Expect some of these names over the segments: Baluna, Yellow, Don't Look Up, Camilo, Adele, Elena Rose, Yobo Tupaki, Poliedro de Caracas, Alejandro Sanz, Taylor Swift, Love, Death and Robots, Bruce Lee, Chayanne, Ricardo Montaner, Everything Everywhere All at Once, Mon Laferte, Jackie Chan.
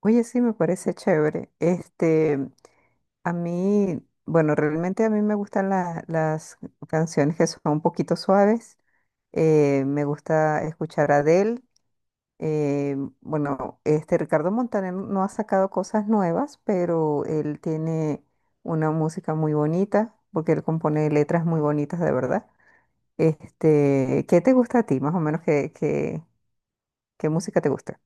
Oye, sí, me parece chévere. A mí, bueno, realmente a mí me gustan las canciones que son un poquito suaves. Me gusta escuchar a Adele. Eh, bueno, este Ricardo Montaner no ha sacado cosas nuevas, pero él tiene una música muy bonita, porque él compone letras muy bonitas, de verdad. ¿Qué te gusta a ti, más o menos? Qué música te gusta?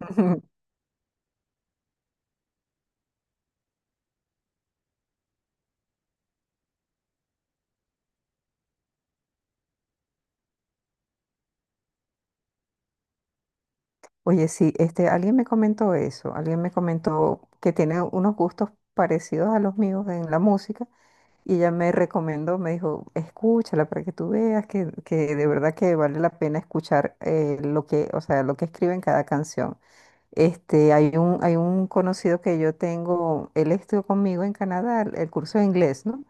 Oye, sí, este, alguien me comentó eso, alguien me comentó que tiene unos gustos parecidos a los míos en la música y ella me recomendó, me dijo, escúchala para que tú veas que de verdad que vale la pena escuchar lo que, o sea, lo que escribe en cada canción. Este, hay un conocido que yo tengo, él estudió conmigo en Canadá el curso de inglés, ¿no?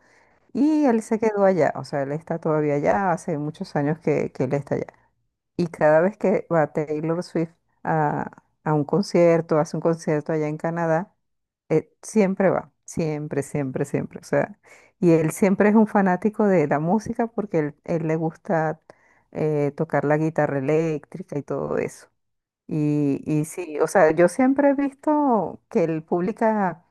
Y él se quedó allá, o sea, él está todavía allá, hace muchos años que él está allá. Y cada vez que va Taylor Swift a, a un concierto, hace un concierto allá en Canadá, siempre va, siempre, siempre, siempre. O sea, y él siempre es un fanático de la música porque él le gusta tocar la guitarra eléctrica y todo eso. Y sí, o sea, yo siempre he visto que él publica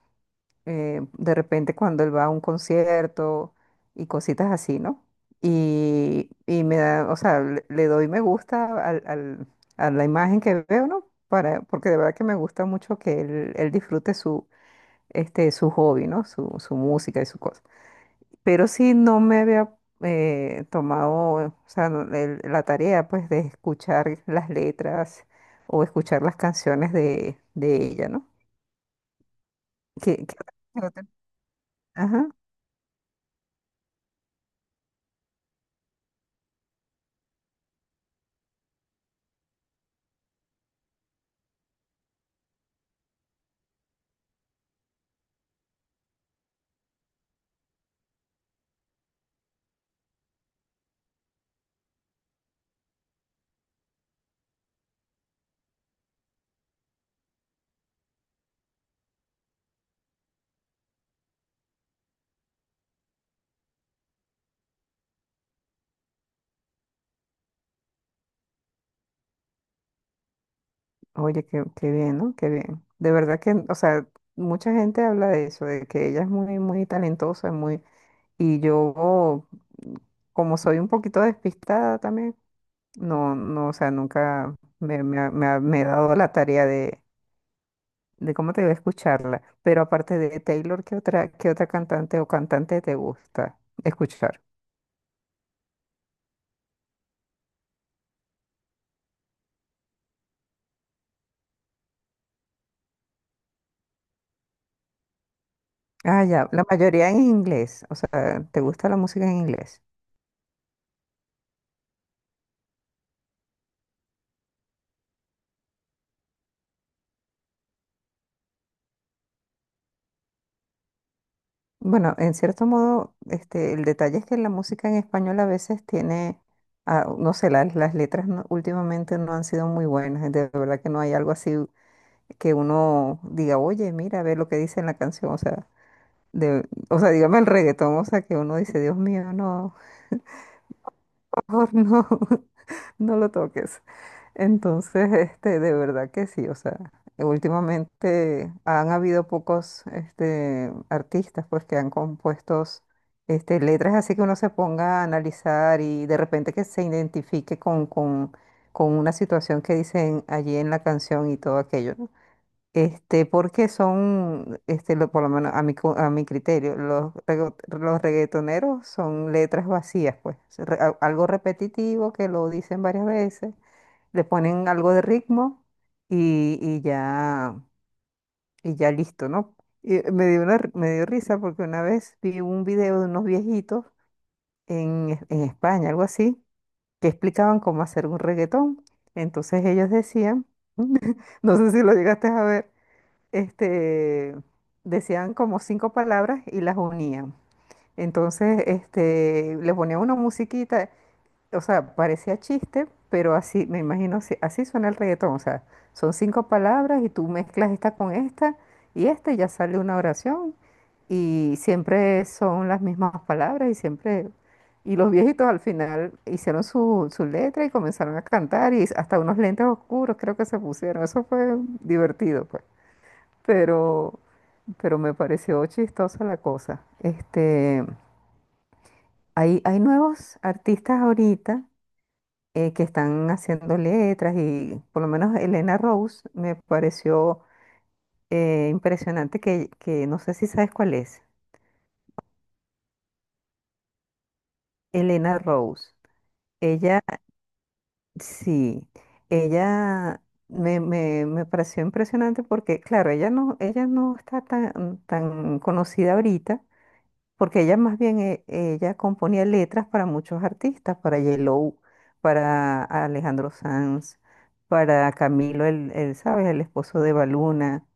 de repente cuando él va a un concierto y cositas así, ¿no? Y me da, o sea, le doy me gusta a la imagen que veo, ¿no? Para, porque de verdad que me gusta mucho que él disfrute su, este, su hobby, ¿no? Su música y su cosa. Pero sí no me había tomado, o sea, la tarea, pues, de escuchar las letras o escuchar las canciones de ella, ¿no? Que, que- Ajá. Oye, qué, qué bien, ¿no? Qué bien. De verdad que, o sea, mucha gente habla de eso, de que ella es muy, muy talentosa, muy... Y yo, como soy un poquito despistada también, no, no, o sea, nunca me, me he dado la tarea de cómo te voy a escucharla. Pero aparte de Taylor, qué otra cantante o cantante te gusta escuchar? Ah, ya, la mayoría en inglés, o sea, ¿te gusta la música en inglés? Bueno, en cierto modo, este, el detalle es que la música en español a veces tiene, ah, no sé, las letras no- últimamente no han sido muy buenas. De verdad que no hay algo así que uno diga, oye, mira, ve lo que dice en la canción. O sea, de, o sea, dígame el reggaetón, o sea, que uno dice, Dios mío, no, por favor, no, no lo toques. Entonces, este, de verdad que sí, o sea, últimamente han habido pocos, este, artistas, pues, que han compuesto, este, letras así que uno se ponga a analizar y de repente que se identifique con una situación que dicen allí en la canción y todo aquello, ¿no? Este, porque son, este, por lo menos a mi, a mi criterio, los, los reggaetoneros son letras vacías, pues, algo repetitivo que lo dicen varias veces le ponen algo de ritmo y, y ya, y ya listo, ¿no? Y me dio una, me dio risa porque una vez vi un video de unos viejitos en, en España, algo así, que explicaban cómo hacer un reggaetón. Entonces ellos decían, no sé si lo llegaste a ver, este, decían como cinco palabras y las unían. Entonces, este, le ponían una musiquita. O sea, parecía chiste, pero así, me imagino, así, así suena el reggaetón. O sea, son cinco palabras y tú mezclas esta con esta y esta y ya sale una oración y siempre son las mismas palabras y siempre... Y los viejitos al final hicieron su, su letra y comenzaron a cantar y hasta unos lentes oscuros creo que se pusieron. Eso fue divertido, pues. Pero, pero me pareció chistosa la cosa. Este, hay nuevos artistas ahorita que están haciendo letras y por lo menos Elena Rose me pareció impresionante que no sé si sabes cuál es. Elena Rose. Ella, sí, ella me, me, me pareció impresionante porque, claro, ella no está tan, tan conocida ahorita, porque ella más bien, ella componía letras para muchos artistas, para Yellow, para Alejandro Sanz, para Camilo, el, ¿sabes? El esposo de Baluna.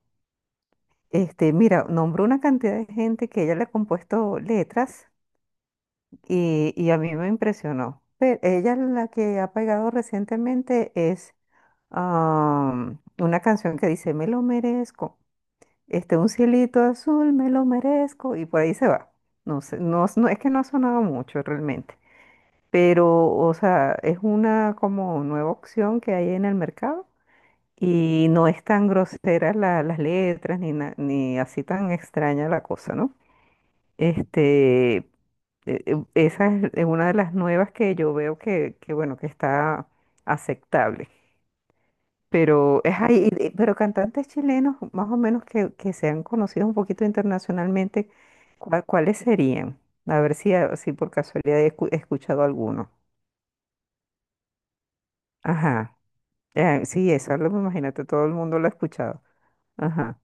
Este, mira, nombró una cantidad de gente que ella le ha compuesto letras y a mí me impresionó. Pero ella la que ha pegado recientemente es una canción que dice, me lo merezco, este, un cielito azul, me lo merezco, y por ahí se va. No sé, no, es que no ha sonado mucho realmente, pero, o sea, es una como nueva opción que hay en el mercado. Y no es tan grosera las letras ni, ni así tan extraña la cosa, ¿no? Este, esa es una de las nuevas que yo veo que, bueno, que está aceptable. Pero es ahí, pero cantantes chilenos más o menos que sean conocidos un poquito internacionalmente, ¿cuáles serían? A ver si, si por casualidad he escuchado alguno. Ajá. Sí, eso lo imagínate, todo el mundo lo ha escuchado. Ajá.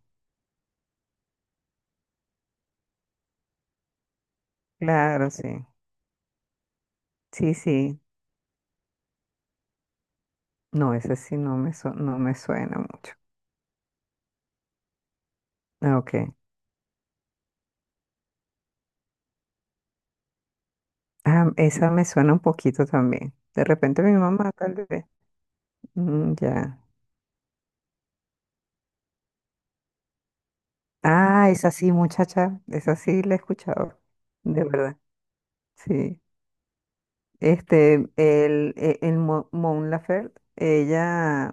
Claro, sí. Sí, sí. No, ese sí no me, no me suena mucho. Ah, ok. Ah, esa me suena un poquito también. De repente mi mamá, tal vez. Mm, ya. Ah, esa sí, muchacha. Esa sí la he escuchado. De verdad. Sí. Este, el, e- el, Mo- Mon Laferte, ella,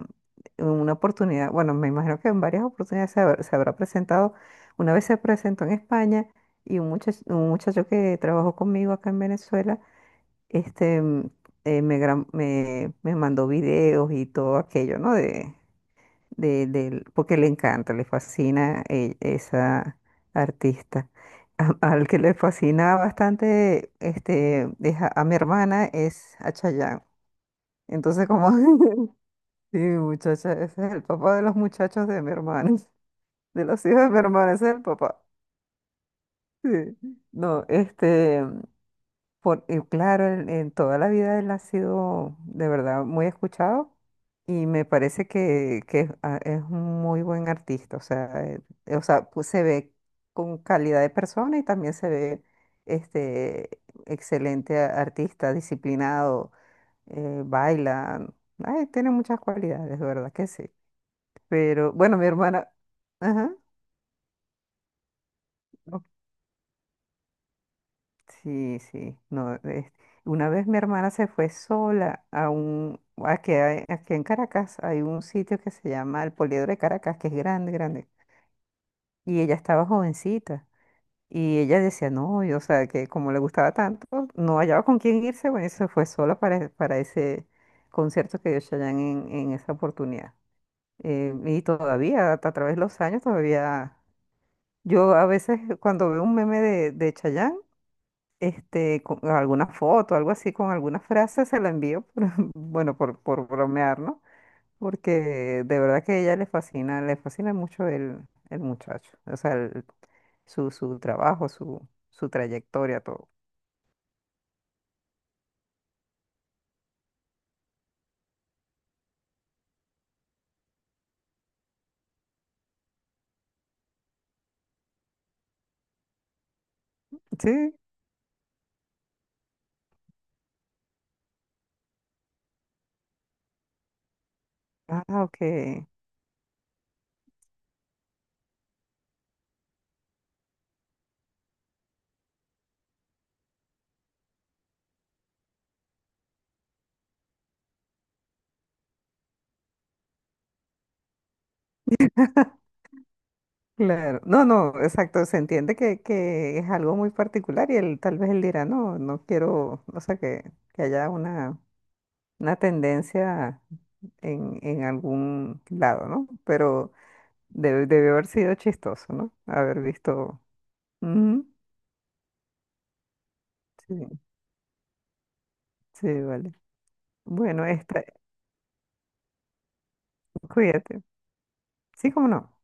en una oportunidad, bueno, me imagino que en varias oportunidades se habrá presentado. Una vez se presentó en España y un muchacho que trabajó conmigo acá en Venezuela, este, me, me mandó videos y todo aquello, ¿no? De, porque le encanta, le fascina esa artista. Al que le fascina bastante este, es a mi hermana es a Chayanne. Entonces, como, sí, muchacha, ese es el papá de los muchachos de mi hermana, de los hijos de mi hermana, ese es el papá. Sí. No, este. Por, y claro, en toda la vida él ha sido de verdad muy escuchado y me parece que es un muy buen artista. O sea, pues, se ve con calidad de persona y también se ve este, excelente artista, disciplinado, baila. Ay, tiene muchas cualidades, de verdad que sí. Pero bueno, mi hermana. Ajá. Sí, sí, no, una vez mi hermana se fue sola a un, aquí, aquí en Caracas hay un sitio que se llama el Poliedro de Caracas, que es grande, grande, y ella estaba jovencita, y ella decía, no, yo, o sea, que como le gustaba tanto, no hallaba con quién irse, bueno, y se fue sola para ese concierto que dio Chayanne en esa oportunidad. Y todavía, a través de los años, todavía, yo a veces cuando veo un meme de Chayanne, este, con alguna foto, algo así, con alguna frase, se la envío, bueno, por bromear, ¿no? Porque de verdad que a ella le fascina mucho el muchacho, o sea, su, su trabajo, su trayectoria, todo. Sí, ah, ok. Claro, no, no, exacto, se entiende que es algo muy particular y él tal vez él dirá, no, no quiero, o sea, que haya una tendencia en algún lado, ¿no? Pero debió haber sido chistoso, ¿no? Haber visto. Ujú, sí, sí, vale. Bueno, esta, cuídate. Sí, cómo no.